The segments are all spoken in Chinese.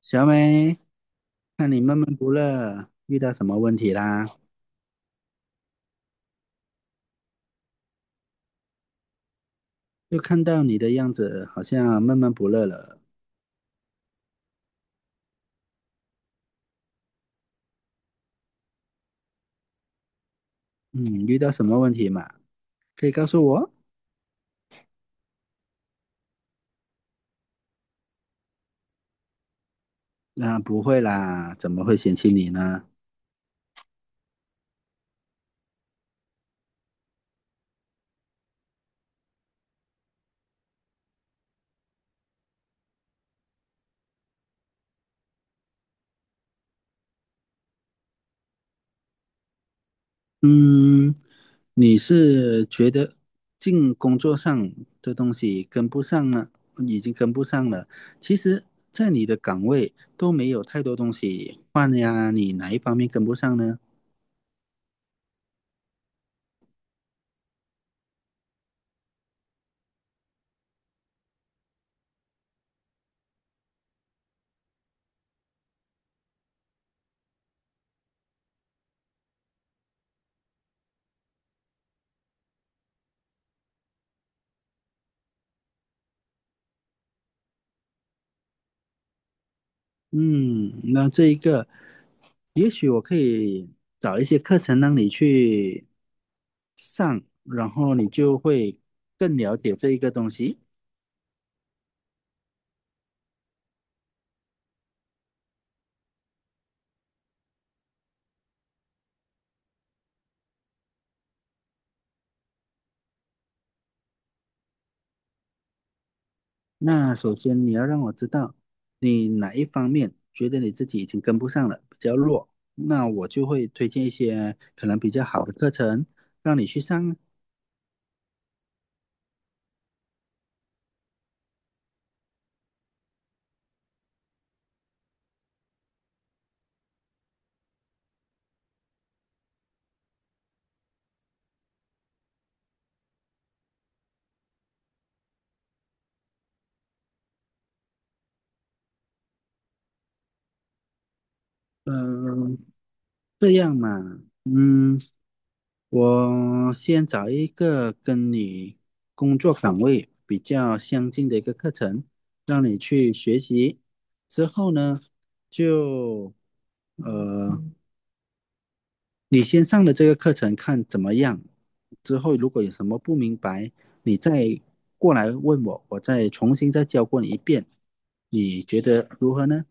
小美，看你闷闷不乐，遇到什么问题啦？就看到你的样子，好像闷闷不乐了。嗯，遇到什么问题嘛？可以告诉我？那、不会啦，怎么会嫌弃你呢？嗯，你是觉得进工作上的东西跟不上呢？已经跟不上了。其实，在你的岗位都没有太多东西换呀，你哪一方面跟不上呢？嗯，那这一个，也许我可以找一些课程让你去上，然后你就会更了解这一个东西。那首先你要让我知道你哪一方面觉得你自己已经跟不上了，比较弱，那我就会推荐一些可能比较好的课程让你去上啊。嗯，这样嘛，嗯。我先找一个跟你工作岗位比较相近的一个课程，让你去学习。之后呢，就呃，你先上了这个课程看怎么样。之后如果有什么不明白，你再过来问我，我再重新再教过你一遍。你觉得如何呢？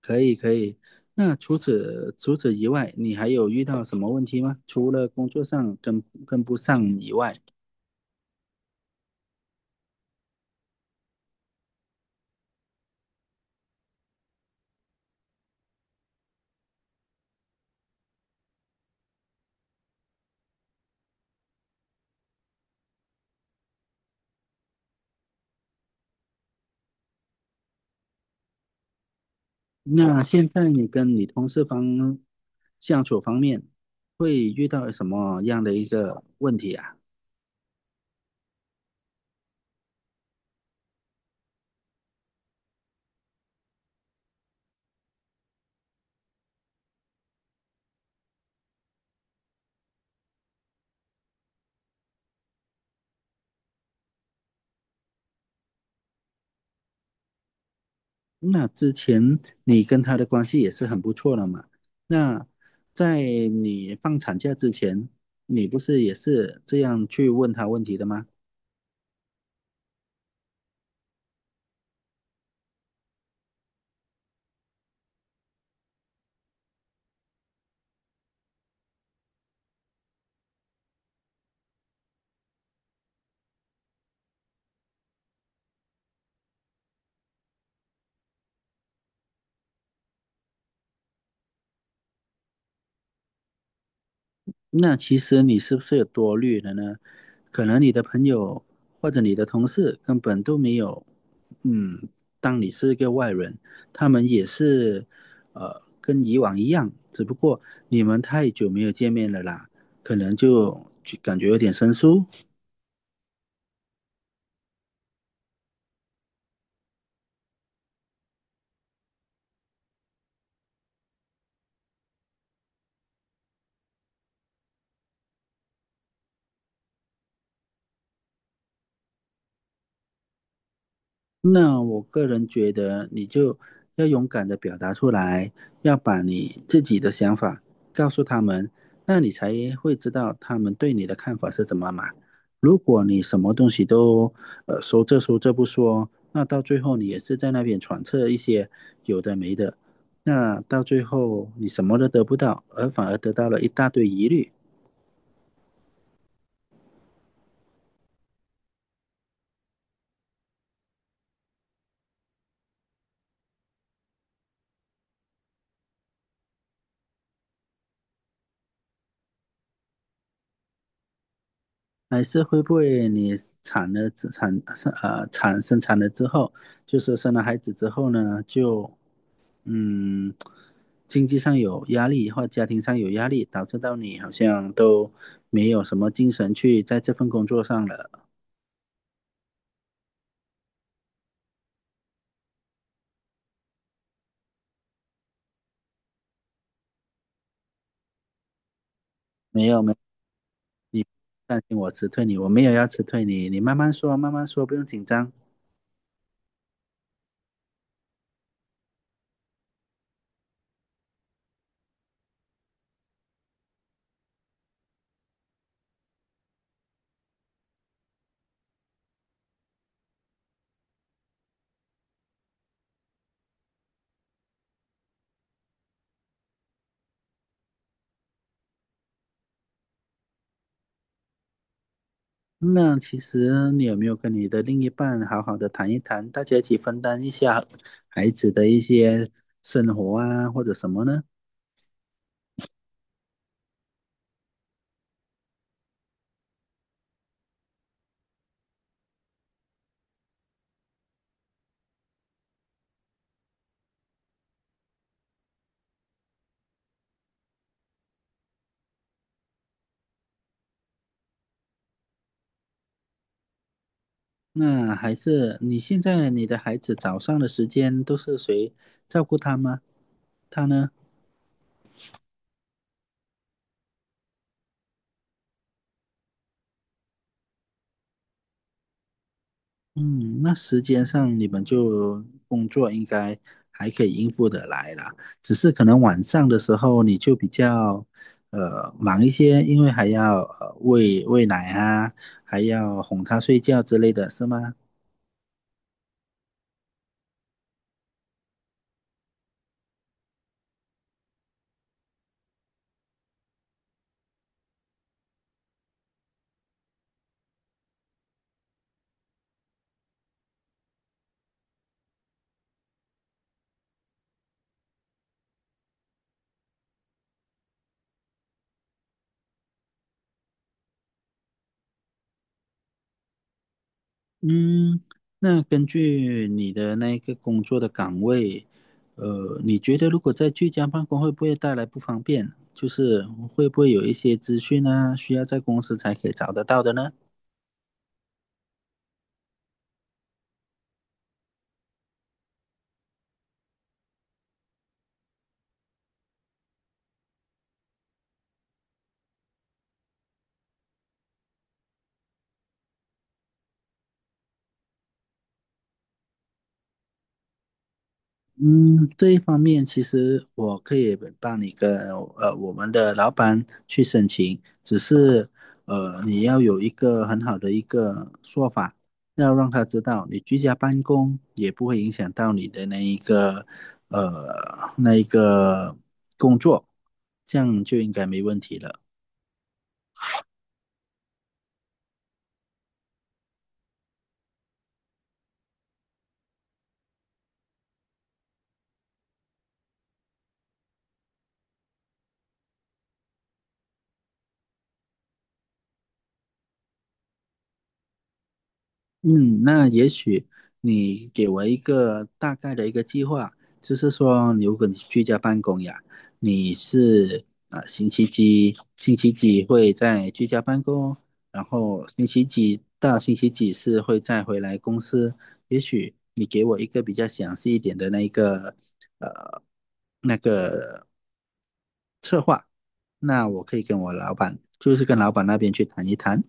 可以，可以。那除此以外，你还有遇到什么问题吗？除了工作上跟不上以外。那现在你跟你同事方相处方面会遇到什么样的一个问题啊？那之前你跟他的关系也是很不错的嘛。那在你放产假之前，你不是也是这样去问他问题的吗？那其实你是不是有多虑了呢？可能你的朋友或者你的同事根本都没有，嗯，当你是一个外人，他们也是，跟以往一样，只不过你们太久没有见面了啦，可能就感觉有点生疏，那我个人觉得，你就要勇敢的表达出来，要把你自己的想法告诉他们，那你才会知道他们对你的看法是怎么嘛。如果你什么东西都呃说这说这不说，那到最后你也是在那边揣测一些有的没的，那到最后你什么都得不到，而反而得到了一大堆疑虑。还是会不会你产了之后，就是生了孩子之后呢，就嗯经济上有压力或家庭上有压力，导致到你好像都没有什么精神去在这份工作上了。没有担心我辞退你，我没有要辞退你，你慢慢说，不用紧张。那其实你有没有跟你的另一半好好的谈一谈，大家一起分担一下孩子的一些生活啊，或者什么呢？那还是你现在你的孩子早上的时间都是谁照顾他吗？他呢？嗯，那时间上你们就工作应该还可以应付得来啦，只是可能晚上的时候你就比较忙一些，因为还要喂奶啊，还要哄他睡觉之类的是吗？嗯，那根据你的那一个工作的岗位，你觉得如果在居家办公会不会带来不方便？就是会不会有一些资讯啊，需要在公司才可以找得到的呢？嗯，这一方面其实我可以帮你跟我们的老板去申请，只是你要有一个很好的一个说法，要让他知道你居家办公也不会影响到你的那一个那一个工作，这样就应该没问题了。嗯，那也许你给我一个大概的一个计划，就是说，如果你居家办公呀，你是啊、星期几会在居家办公，然后星期几到星期几是会再回来公司。也许你给我一个比较详细一点的那一个呃那个，那我可以跟我老板，就是跟老板那边去谈一谈。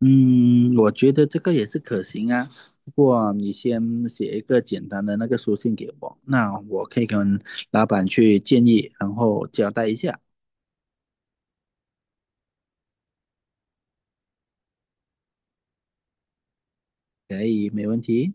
嗯，我觉得这个也是可行啊。不过你先写一个简单的那个书信给我，那我可以跟老板去建议，然后交代一下，可以，没问题。